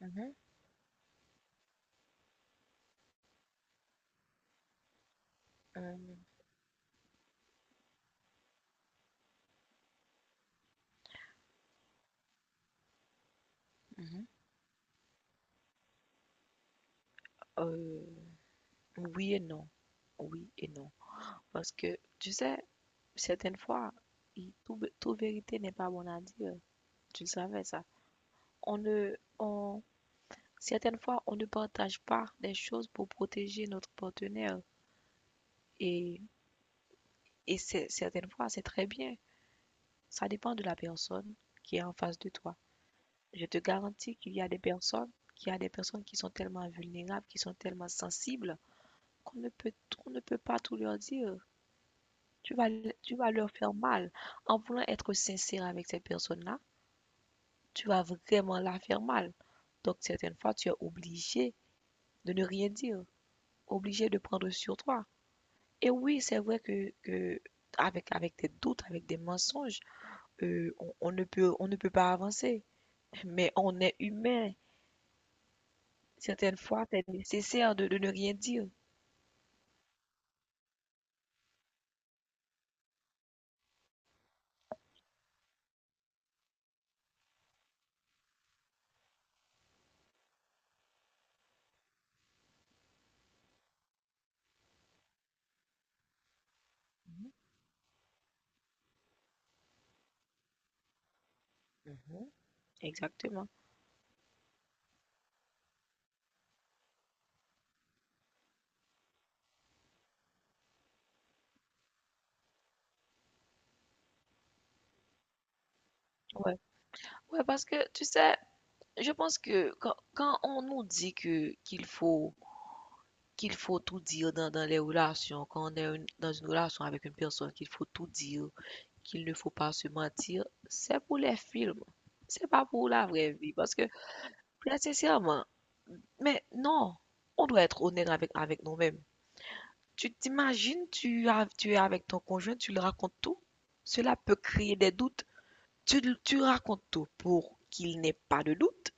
Mhm. heu, mmh mh. Oui et non. Oui et non. Parce que, tu sais, certaines fois, i tout b vérité n'est pas bonne à dire. Tu savais ça? On ne on Certaines fois, on ne partage pas des choses pour protéger notre partenaire, et et c'est certaines fois, c'est très bien. Ça dépend de la personne qui est en face de toi. Je te garantis qu'il y a des personnes qu'il y a des personnes qui sont tellement vulnérables, qui sont tellement sensibles qu'on ne peut pas tout leur dire. tu vas, tu vas leur faire mal. En voulant être sincère avec cette personne-là, tu vas vraiment la faire mal. Donc, certaines fois, tu es obligé de ne rien dire, obligé de prendre sur toi. Et oui, c'est vrai que avec des doutes, avec des mensonges, on ne peut pas avancer. Mais on est humain. Certaines fois, c'est nécessaire de ne rien dire. Mhm. Mhm. Exactement. Ouais. Ouais, parce que tu sais, je pense que quand on nous dit que qu'il faut tout dire dans les relations, quand on est dans une relation avec une personne, qu'il faut tout dire, qu'il ne faut pas se mentir, c'est pour les films. C'est pas pour la vraie vie. Parce que, très sincèrement, mais non, on doit être honnête avec nous-mêmes. Tu t'imagines, tu es avec ton conjoint, tu lui racontes tout. Cela peut créer des doutes. Tu racontes tout pour qu'il n'ait pas de doute.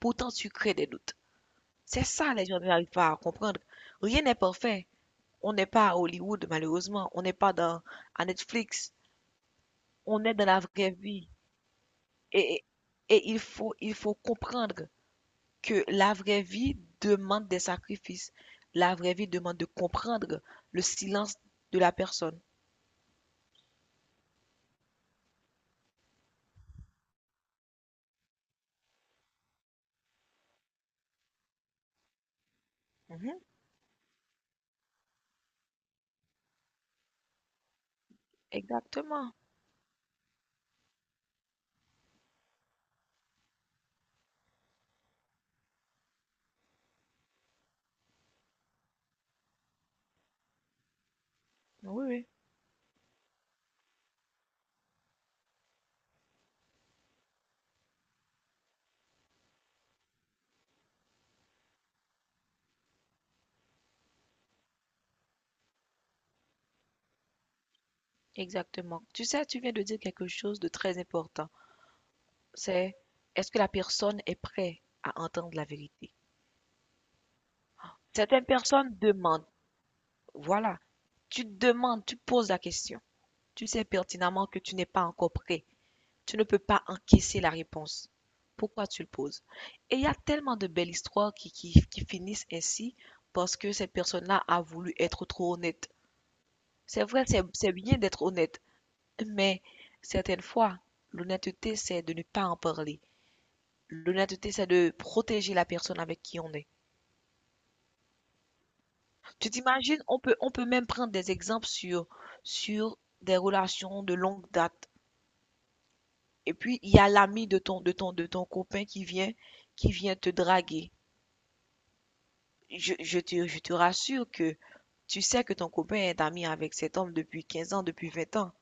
Pourtant, tu crées des doutes. C'est ça, les gens n'arrivent pas à comprendre. Rien n'est parfait. On n'est pas à Hollywood, malheureusement. On n'est pas à Netflix. On est dans la vraie vie. Et, et il faut comprendre que la vraie vie demande des sacrifices. La vraie vie demande de comprendre le silence de la personne. Mhm. Exactement. Oui, oui, exactement. Tu sais, tu viens de dire quelque chose de très important. C'est Est-ce que la personne est prête à entendre la vérité? Certaines personnes demandent, voilà, tu demandes, tu poses la question. Tu sais pertinemment que tu n'es pas encore prêt. Tu ne peux pas encaisser la réponse. Pourquoi tu le poses? Et il y a tellement de belles histoires qui finissent ainsi parce que cette personne-là a voulu être trop honnête. C'est vrai, c'est bien d'être honnête, mais certaines fois, l'honnêteté, c'est de ne pas en parler. L'honnêteté, c'est de protéger la personne avec qui on est. Tu t'imagines, on peut même prendre des exemples sur des relations de longue date. Et puis, il y a l'ami de ton copain qui vient te draguer. Je te rassure que tu sais que ton copain est ami avec cet homme depuis 15 ans, depuis 20 ans.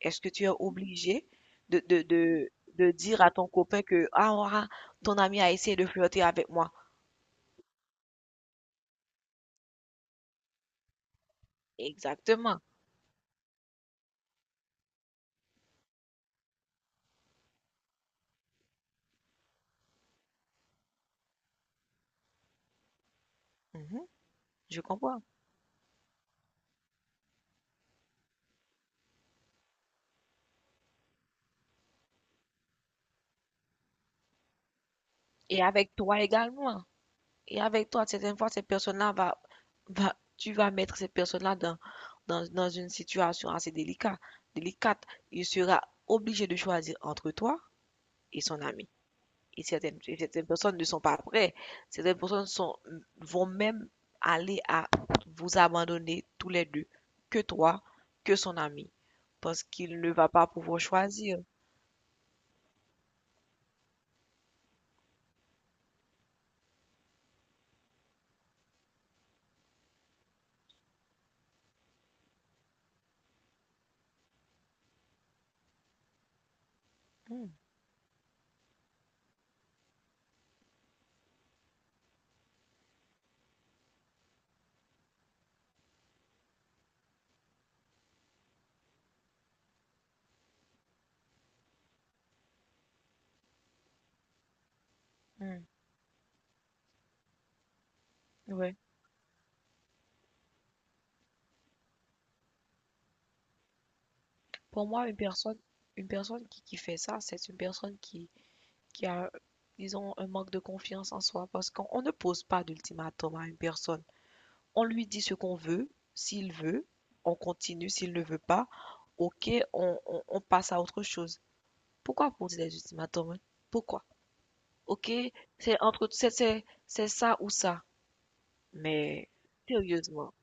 Est-ce que tu es obligé de, de, de, de dire à ton copain que, ah, ah, ton ami a essayé de flirter avec moi? Exactement. Mhm. Je comprends. Et avec toi également. Et avec toi, certaines fois, ces personnes-là tu vas mettre ces personnes-là dans une situation assez délicate, délicate. Il sera obligé de choisir entre toi et son ami. Et certaines personnes ne sont pas prêtes. Certaines personnes vont même aller à vous abandonner tous les deux, que toi, que son ami, parce qu'il ne va pas pouvoir choisir. Hmm, hmm, ouais. Pour moi, une personne qui fait ça, c'est une personne qui a, disons, un manque de confiance en soi, parce qu'on on ne pose pas d'ultimatum à une personne. On lui dit ce qu'on veut, s'il veut, on continue, s'il ne veut pas, ok, on passe à autre chose. Pourquoi poser des ultimatums? Hein? Pourquoi? Ok, c'est entre, c'est ça ou ça. Mais sérieusement,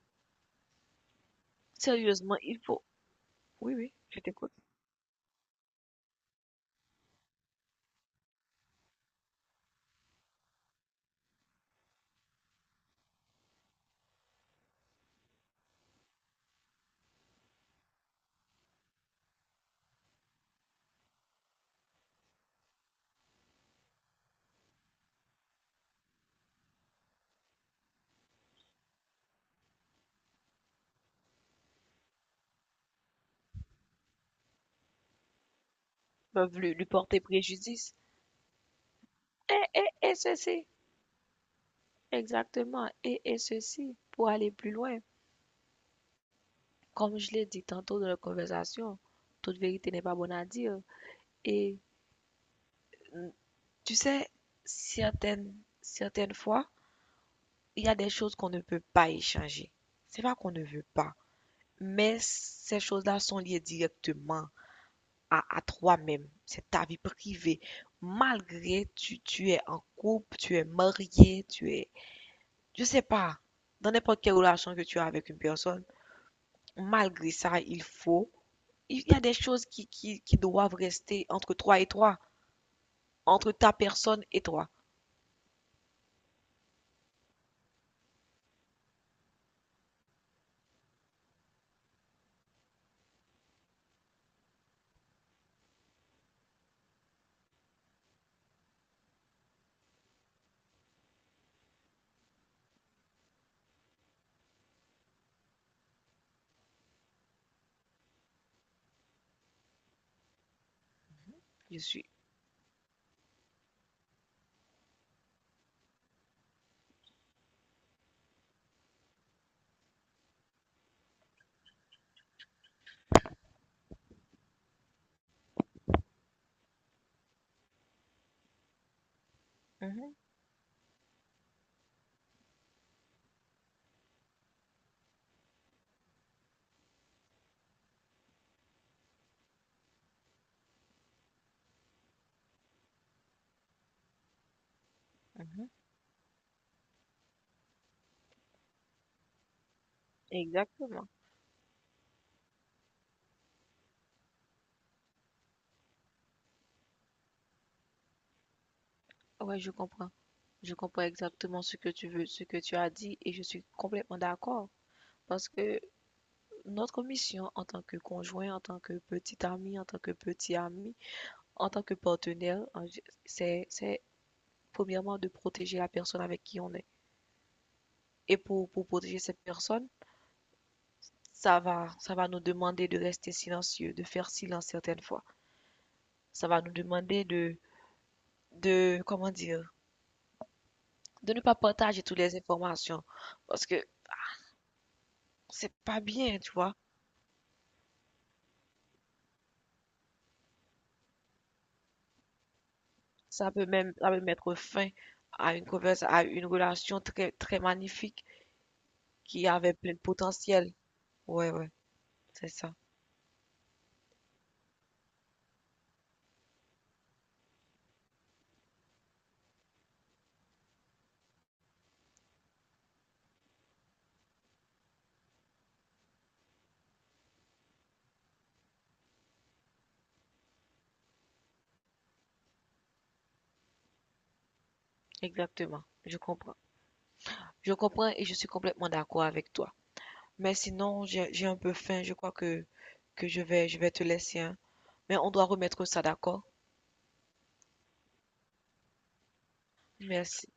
sérieusement, il faut, oui, oui, je t'écoute, peuvent lui porter préjudice. Et ceci, exactement, et ceci, pour aller plus loin. Comme je l'ai dit tantôt dans la conversation, toute vérité n'est pas bonne à dire. Et mm, tu sais, certaines, certaines fois, il y a des choses qu'on ne peut pas échanger. C'est pas qu'on ne veut pas, mais ces choses-là sont liées directement à toi-même. C'est ta vie privée. Malgré tu es en couple, tu es marié, tu es, je sais pas, dans n'importe quelle relation que tu as avec une personne, malgré ça, il faut. Il y a des choses qui doivent rester entre toi et toi, entre ta personne et toi. Je suis. Mhm, mhm. Exactement. Ouais, je comprends. Je comprends exactement ce que tu veux, ce que tu as dit, et je suis complètement d'accord. Parce que notre mission en tant que conjoint, en tant que petit ami, en tant que petit ami, en tant que partenaire, c'est premièrement de protéger la personne avec qui on est. Et pour protéger cette personne, ça va nous demander de rester silencieux, de faire silence certaines fois. Ça va nous demander comment dire, de ne pas partager toutes les informations parce que c'est pas bien, tu vois. Ça peut même, ça peut mettre fin à une conversation, à une relation très, très magnifique qui avait plein de potentiel. Ouais, ouais, c'est ça. Exactement. Je comprends. Je comprends et je suis complètement d'accord avec toi. Mais sinon, j'ai un peu faim. Je crois que je vais te laisser, hein. Mais on doit remettre ça d'accord. Merci.